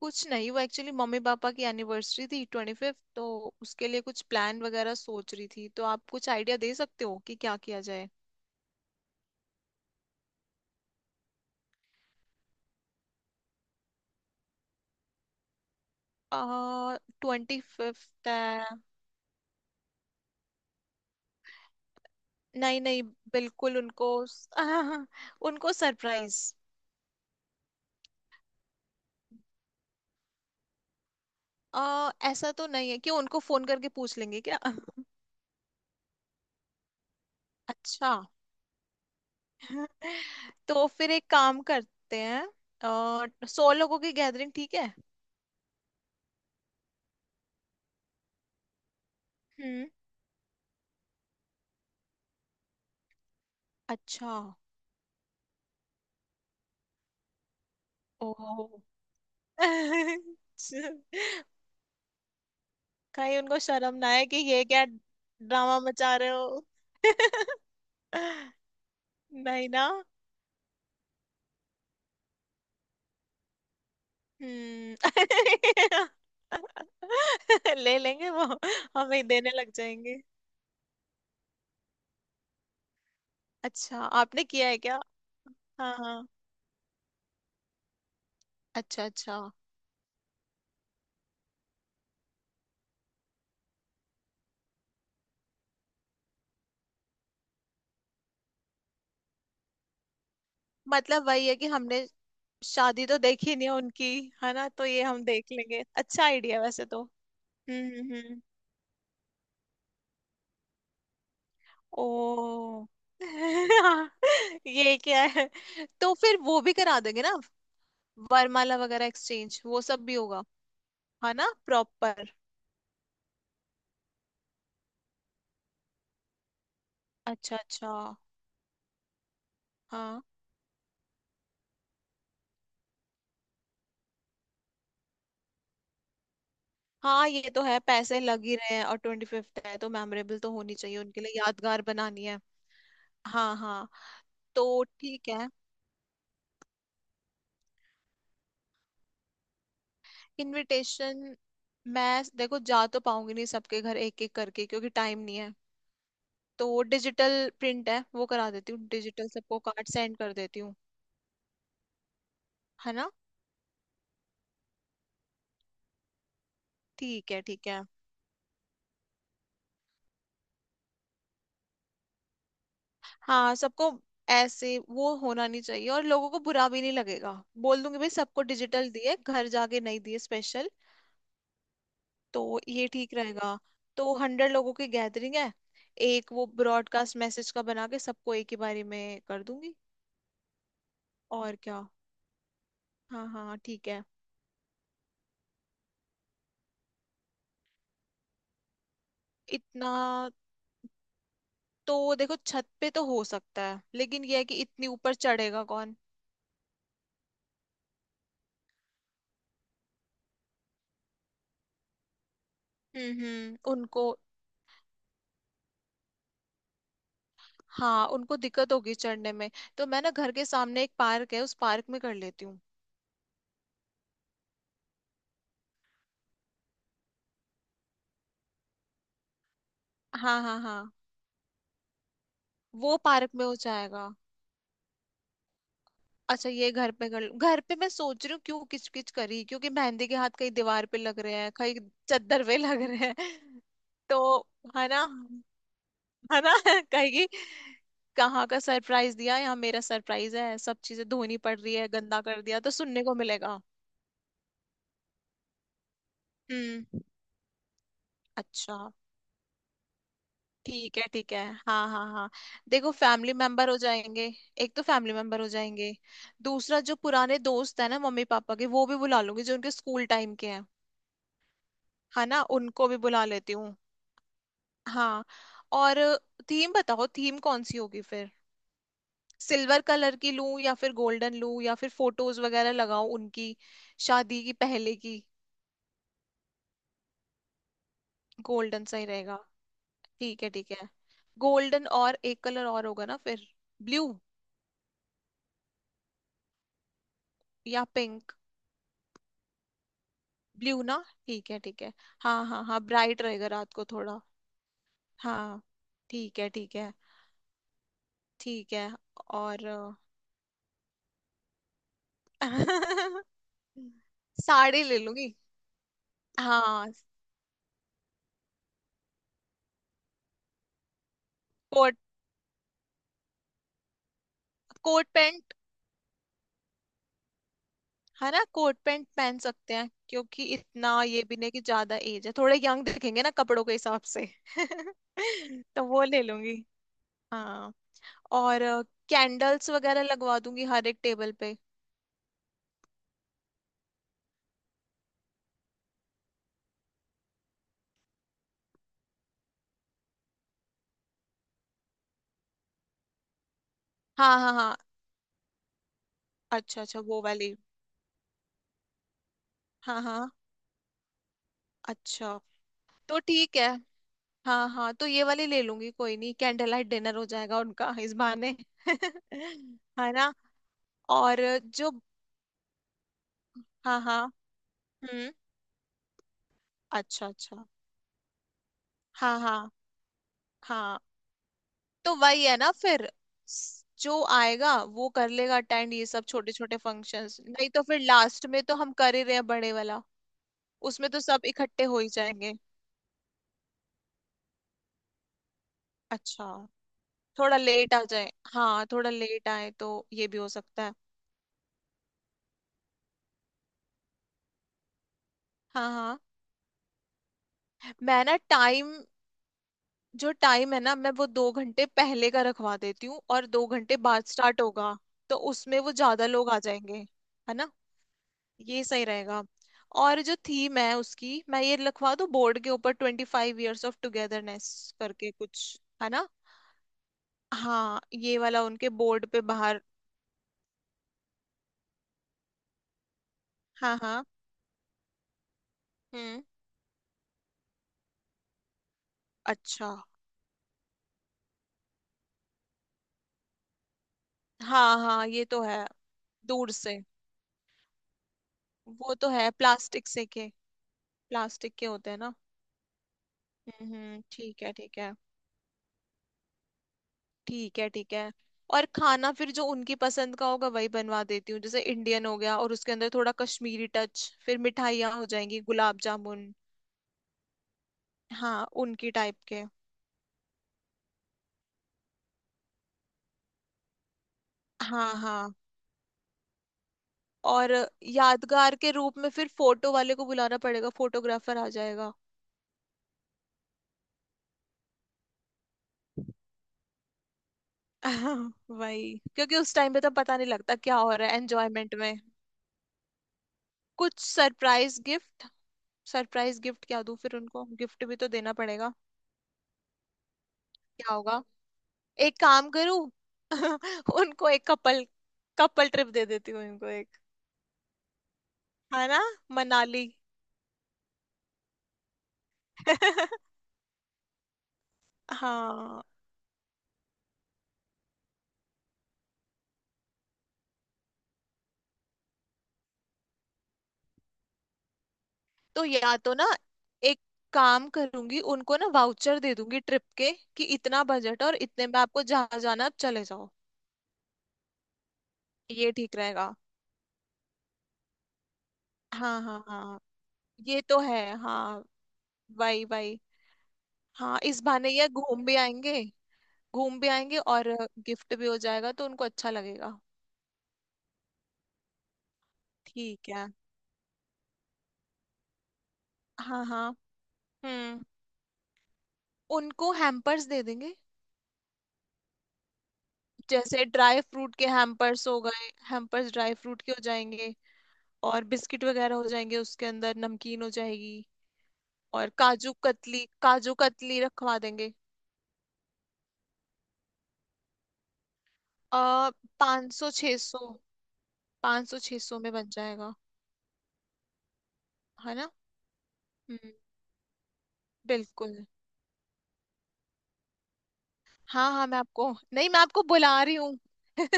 कुछ नहीं वो एक्चुअली मम्मी पापा की एनिवर्सरी थी 25th तो उसके लिए कुछ प्लान वगैरह सोच रही थी तो आप कुछ आइडिया दे सकते हो कि क्या किया जाए। आ ट्वेंटी फिफ्थ है। नहीं नहीं, बिल्कुल उनको उनको सरप्राइज। आ ऐसा तो नहीं है कि उनको फोन करके पूछ लेंगे क्या। अच्छा। तो फिर एक काम करते हैं। 100 लोगों की गैदरिंग ठीक है। हम्म। अच्छा। ओ। कहीं उनको शर्म ना आए कि ये क्या ड्रामा मचा रहे हो। नहीं ना। हम्म। ले लेंगे वो। हमें ही देने लग जाएंगे। अच्छा, आपने किया है क्या? हाँ हाँ। अच्छा अच्छा। मतलब वही है कि हमने शादी तो देखी नहीं है उनकी। है ना, तो ये हम देख लेंगे, अच्छा आइडिया वैसे तो। हम्म हम्म हम्म। ओ। ये क्या है? तो फिर वो भी करा देंगे ना। वरमाला वगैरह एक्सचेंज, वो सब भी होगा। है ना प्रॉपर। अच्छा अच्छा। हाँ हाँ ये तो है, पैसे लग ही रहे हैं और 25th है तो मेमोरेबल तो होनी चाहिए, उनके लिए यादगार बनानी है। हाँ हाँ। तो ठीक है। इनविटेशन। मैं देखो, जा तो पाऊंगी नहीं सबके घर एक एक करके क्योंकि टाइम नहीं है। तो डिजिटल प्रिंट है वो करा देती हूँ, डिजिटल सबको कार्ड सेंड कर देती हूँ। है ना। ठीक है ठीक है। हाँ सबको ऐसे वो होना नहीं चाहिए और लोगों को बुरा भी नहीं लगेगा। बोल दूंगी भाई सबको डिजिटल दिए, घर जाके नहीं दिए स्पेशल। तो ये ठीक रहेगा। तो 100 लोगों की गैदरिंग है। एक वो ब्रॉडकास्ट मैसेज का बना के सबको एक ही बारी में कर दूंगी। और क्या। हाँ हाँ ठीक है। इतना। तो देखो छत पे तो हो सकता है लेकिन ये है कि इतनी ऊपर चढ़ेगा कौन। उनको। हाँ उनको दिक्कत होगी चढ़ने में। तो मैं ना, घर के सामने एक पार्क है, उस पार्क में कर लेती हूँ। हाँ हाँ हाँ। वो पार्क में हो जाएगा। अच्छा ये घर पे कर लूं। घर पे मैं सोच रही हूँ क्यों, किचकिच करी क्योंकि मेहंदी के हाथ कहीं दीवार पे लग रहे हैं, कहीं चद्दर पे लग रहे हैं तो। है ना। है ना कहेगी। कहाँ का सरप्राइज दिया, यहाँ मेरा सरप्राइज है, सब चीजें धोनी पड़ रही है गंदा कर दिया तो सुनने को मिलेगा। हम्म। अच्छा। ठीक है ठीक है। हाँ हाँ हाँ। देखो फैमिली मेंबर हो जाएंगे। एक तो फैमिली मेंबर हो जाएंगे। दूसरा जो पुराने दोस्त है ना मम्मी पापा के, वो भी बुला लूंगी जो उनके स्कूल टाइम के हैं। है ना, उनको भी बुला लेती हूँ। हाँ। और थीम बताओ, थीम कौन सी होगी फिर। सिल्वर कलर की लूं या फिर गोल्डन लूं, या फिर फोटोज वगैरह लगाऊं उनकी शादी की, पहले की। गोल्डन सही रहेगा। ठीक है ठीक है। गोल्डन और एक कलर और होगा ना फिर। ब्लू या पिंक। ब्लू ना। ठीक है ठीक है। हाँ हाँ हाँ, ब्राइट रहेगा रात को थोड़ा। हाँ। ठीक है ठीक है ठीक है। और साड़ी ले लूंगी। हाँ। कोट। Coat pant. है ना कोट पैंट पहन सकते हैं, क्योंकि इतना ये भी नहीं कि ज्यादा एज है, थोड़े यंग दिखेंगे ना कपड़ों के हिसाब से। तो वो ले लूंगी। हाँ। और कैंडल्स वगैरह लगवा दूंगी हर एक टेबल पे। हाँ हाँ हाँ। अच्छा अच्छा, वो वाली। हाँ हाँ। अच्छा। तो ठीक है। हाँ हाँ तो ये वाली ले लूंगी, कोई नहीं, कैंडल लाइट डिनर हो जाएगा उनका इस बहाने। है ना। और जो। हाँ हाँ। हम्म। अच्छा अच्छा। हाँ हाँ हाँ। तो वही है ना फिर। जो आएगा वो कर लेगा अटेंड ये सब छोटे छोटे फंक्शंस, नहीं तो फिर लास्ट में तो हम कर ही रहे हैं बड़े वाला। उसमें तो सब इकट्ठे हो ही जाएंगे। अच्छा। थोड़ा लेट आ जाए, हाँ थोड़ा लेट आए तो ये भी हो सकता है। हाँ हाँ। मैं ना टाइम, जो टाइम है ना मैं वो 2 घंटे पहले का रखवा देती हूँ और 2 घंटे बाद स्टार्ट होगा। तो उसमें वो ज्यादा लोग आ जाएंगे। है ना, ये सही रहेगा। और जो थीम है, उसकी मैं ये लिखवा दूँ बोर्ड के ऊपर 25 ईयर्स ऑफ टुगेदरनेस करके कुछ, है ना। हाँ ये वाला उनके बोर्ड पे बाहर। हाँ हाँ। हम्म। अच्छा। हाँ हाँ ये तो है। दूर से। वो तो है, प्लास्टिक से के। प्लास्टिक के होते हैं ना। ठीक है ठीक है। ठीक है ठीक है। और खाना फिर जो उनकी पसंद का होगा वही बनवा देती हूँ, जैसे इंडियन हो गया और उसके अंदर थोड़ा कश्मीरी टच, फिर मिठाइयाँ हो जाएंगी, गुलाब जामुन। हाँ उनकी टाइप के। हाँ हाँ। और यादगार के रूप में फिर फोटो वाले को बुलाना पड़ेगा, फोटोग्राफर आ जाएगा। हाँ, वही, क्योंकि उस टाइम पे तो पता नहीं लगता क्या हो रहा है एंजॉयमेंट में। कुछ सरप्राइज गिफ्ट। सरप्राइज गिफ्ट क्या दूं फिर, उनको गिफ्ट भी तो देना पड़ेगा। क्या होगा। एक काम करूं, उनको एक कपल कपल ट्रिप दे देती हूँ उनको एक। है ना। मनाली। हाँ तो, या तो ना एक काम करूंगी उनको ना वाउचर दे दूंगी ट्रिप के। कि इतना बजट, और इतने में आपको जहाँ जाना आप चले जाओ। ये ठीक रहेगा। हाँ हाँ हाँ। ये तो है हाँ। वही वही। हाँ, इस बहाने ये घूम भी आएंगे। घूम भी आएंगे और गिफ्ट भी हो जाएगा, तो उनको अच्छा लगेगा। ठीक है। हाँ हाँ। हम्म। उनको हैम्पर्स दे देंगे। जैसे ड्राई फ्रूट के हैम्पर्स हो गए, हैम्पर्स ड्राई फ्रूट के हो जाएंगे। और बिस्किट वगैरह हो जाएंगे, उसके अंदर नमकीन हो जाएगी। और काजू कतली, काजू कतली रखवा देंगे। आ 500-600। पाँच सौ छः सौ में बन जाएगा। है ना। हम्म। बिल्कुल। हाँ हाँ मैं आपको नहीं, मैं आपको बुला रही हूँ,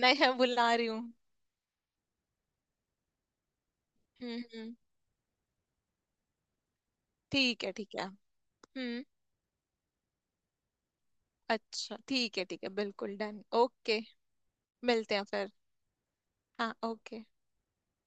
नहीं मैं बुला रही हूँ। हम्म। ठीक है ठीक है। हम्म। अच्छा ठीक है ठीक है, बिल्कुल डन, ओके। मिलते हैं फिर। हाँ, ओके।